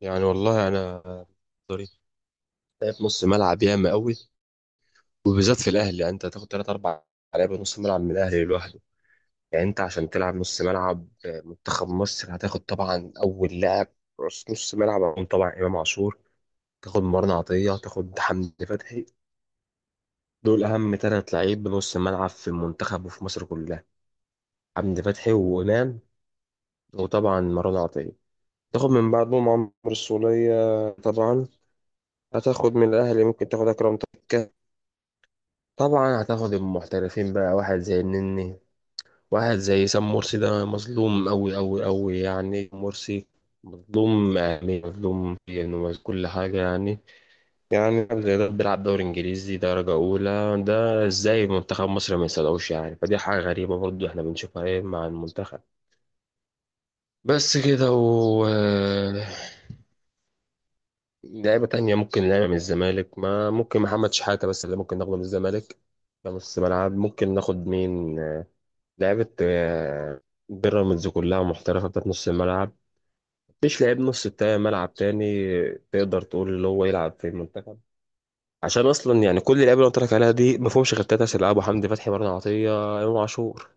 يعني والله انا طريق لعب نص ملعب ياما قوي، وبالذات في الاهلي. يعني انت هتاخد ثلاث اربع لعيبه نص ملعب من الاهلي لوحده. يعني انت عشان تلعب نص ملعب منتخب مصر هتاخد طبعا اول لاعب، رأس نص ملعب، هيكون طبعا امام عاشور. تاخد مرن عطيه، تاخد حمدي فتحي. دول اهم ثلاث لعيب نص ملعب في المنتخب وفي مصر كلها: حمدي فتحي، وامام، وطبعا مرن عطيه. تاخد من بعدهم عمرو السولية طبعا. هتاخد من الاهلي ممكن تاخد اكرم توفيق. طبعا هتاخد المحترفين بقى، واحد زي النني، واحد زي سام مرسي. ده مظلوم أوي أوي أوي، يعني مرسي مظلوم، يعني مظلوم، يعني كل حاجة يعني. يعني لاعب زي ده بيلعب دوري إنجليزي درجة أولى، ده إزاي منتخب مصر ما يصدقوش؟ يعني فدي حاجة غريبة برضو إحنا بنشوفها إيه مع المنتخب. بس كده. و لعيبة تانية ممكن لعيبة من الزمالك، ما ممكن محمد شحاتة بس اللي ممكن ناخده من الزمالك ده نص ملعب. ممكن ناخد مين لعبة بيراميدز كلها محترفة بتاعت نص الملعب. مفيش لعيب نص ملعب تاني تقدر تقول اللي هو يلعب في المنتخب، عشان أصلا يعني كل اللعيبة اللي قلت لك عليها دي مفهومش غير تلات أسئلة: أبو حمدي فتحي، مرة عطية، إمام عاشور.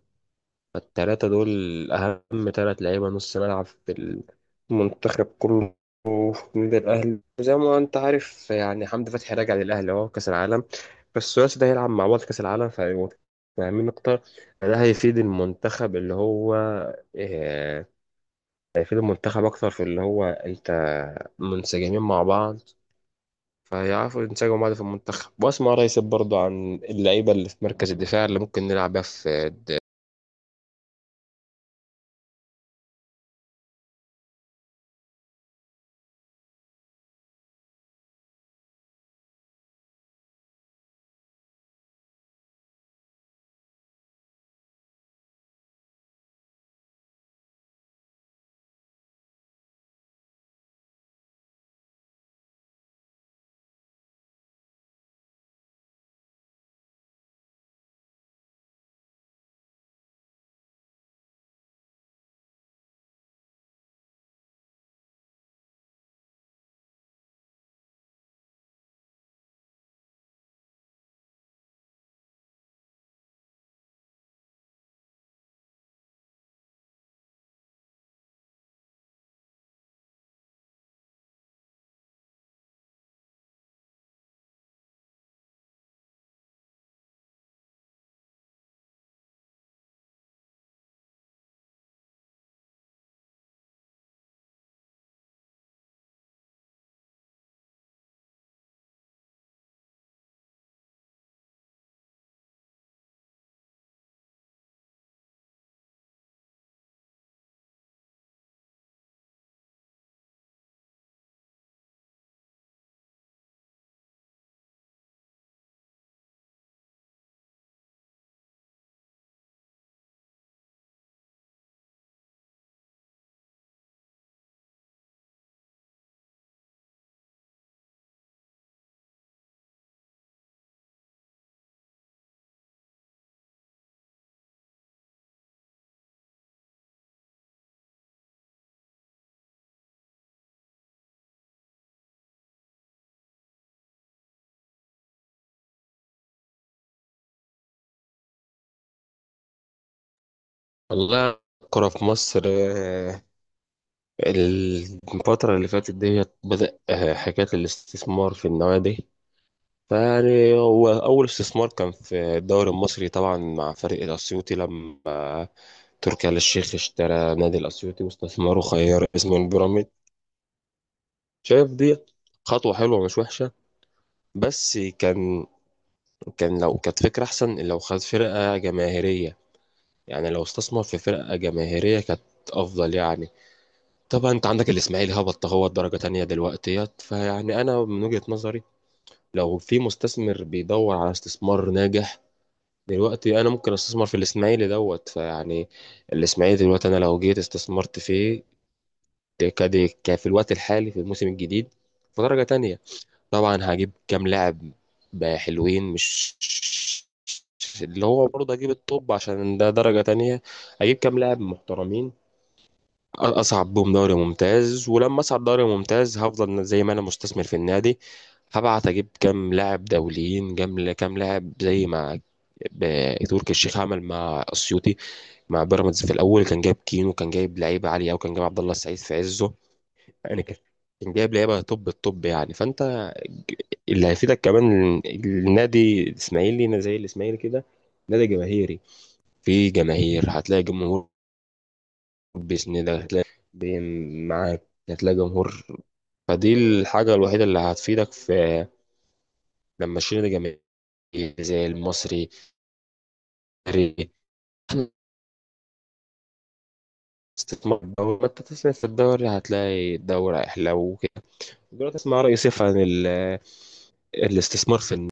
فالتلاتة دول أهم تلات لعيبة نص ملعب في المنتخب كله وفي النادي الأهلي. وزي ما أنت عارف يعني حمدي فتحي راجع للأهلي أهو كأس العالم، بس الثلاثي ده هيلعب مع بعض كأس العالم فهيبقوا فاهمين أكتر. ده هيفيد المنتخب، اللي هو آه، هيفيد المنتخب أكتر في اللي هو أنت منسجمين مع بعض، فيعرفوا ينسجموا مع بعض في المنتخب. وأسمع رئيس برضه عن اللعيبة اللي في مركز الدفاع اللي ممكن نلعب بيها في. والله الكرة في مصر، الفترة اللي فاتت ديت بدأ حكاية الاستثمار في النوادي. فيعني هو أول استثمار كان في الدوري المصري طبعا مع فريق الأسيوطي، لما تركي آل الشيخ اشترى نادي الأسيوطي واستثمره خير اسمه البيراميد. شايف دي خطوة حلوة مش وحشة، بس كان لو كانت فكرة أحسن لو خد فرقة جماهيرية. يعني لو استثمر في فرقة جماهيرية كانت أفضل يعني. طبعا انت عندك الاسماعيلي هبط هو درجة تانية دلوقتيت. فيعني انا من وجهة نظري، لو في مستثمر بيدور على استثمار ناجح دلوقتي، انا ممكن استثمر في الاسماعيلي دوت. فيعني الاسماعيلي دلوقتي انا لو جيت استثمرت فيه، ده كده في الوقت الحالي في الموسم الجديد في درجة تانية، طبعا هجيب كام لاعب بقى حلوين، مش اللي هو برضه هجيب الطب عشان ده درجة تانية. هجيب كام لاعب محترمين، اصعد بيهم دوري ممتاز، ولما اصعد دوري ممتاز هفضل زي ما انا مستثمر في النادي، هبعت اجيب كام لاعب دوليين جم، كام لاعب زي ما تركي الشيخ عمل مع اسيوطي، مع بيراميدز في الاول. كان جايب كينو، كان جايب لعيبه عاليه، وكان جايب عبد الله السعيد في عزه. يعني كان جايب لعيبه توب التوب يعني. فانت اللي هيفيدك كمان النادي الاسماعيلي، زي الاسماعيلي كده نادي جماهيري، في جماهير هتلاقي جمهور، بإذن الله هتلاقي معاك هتلاقي جمهور. فدي الحاجة الوحيدة اللي هتفيدك في لما تشيل نادي جماهيري زي المصري الأهلي. استثمار الدوري، ما انت تسمع في الدوري هتلاقي الدوري أحلى وكده. دلوقتي اسمع رأي سيف عن الاستثمار في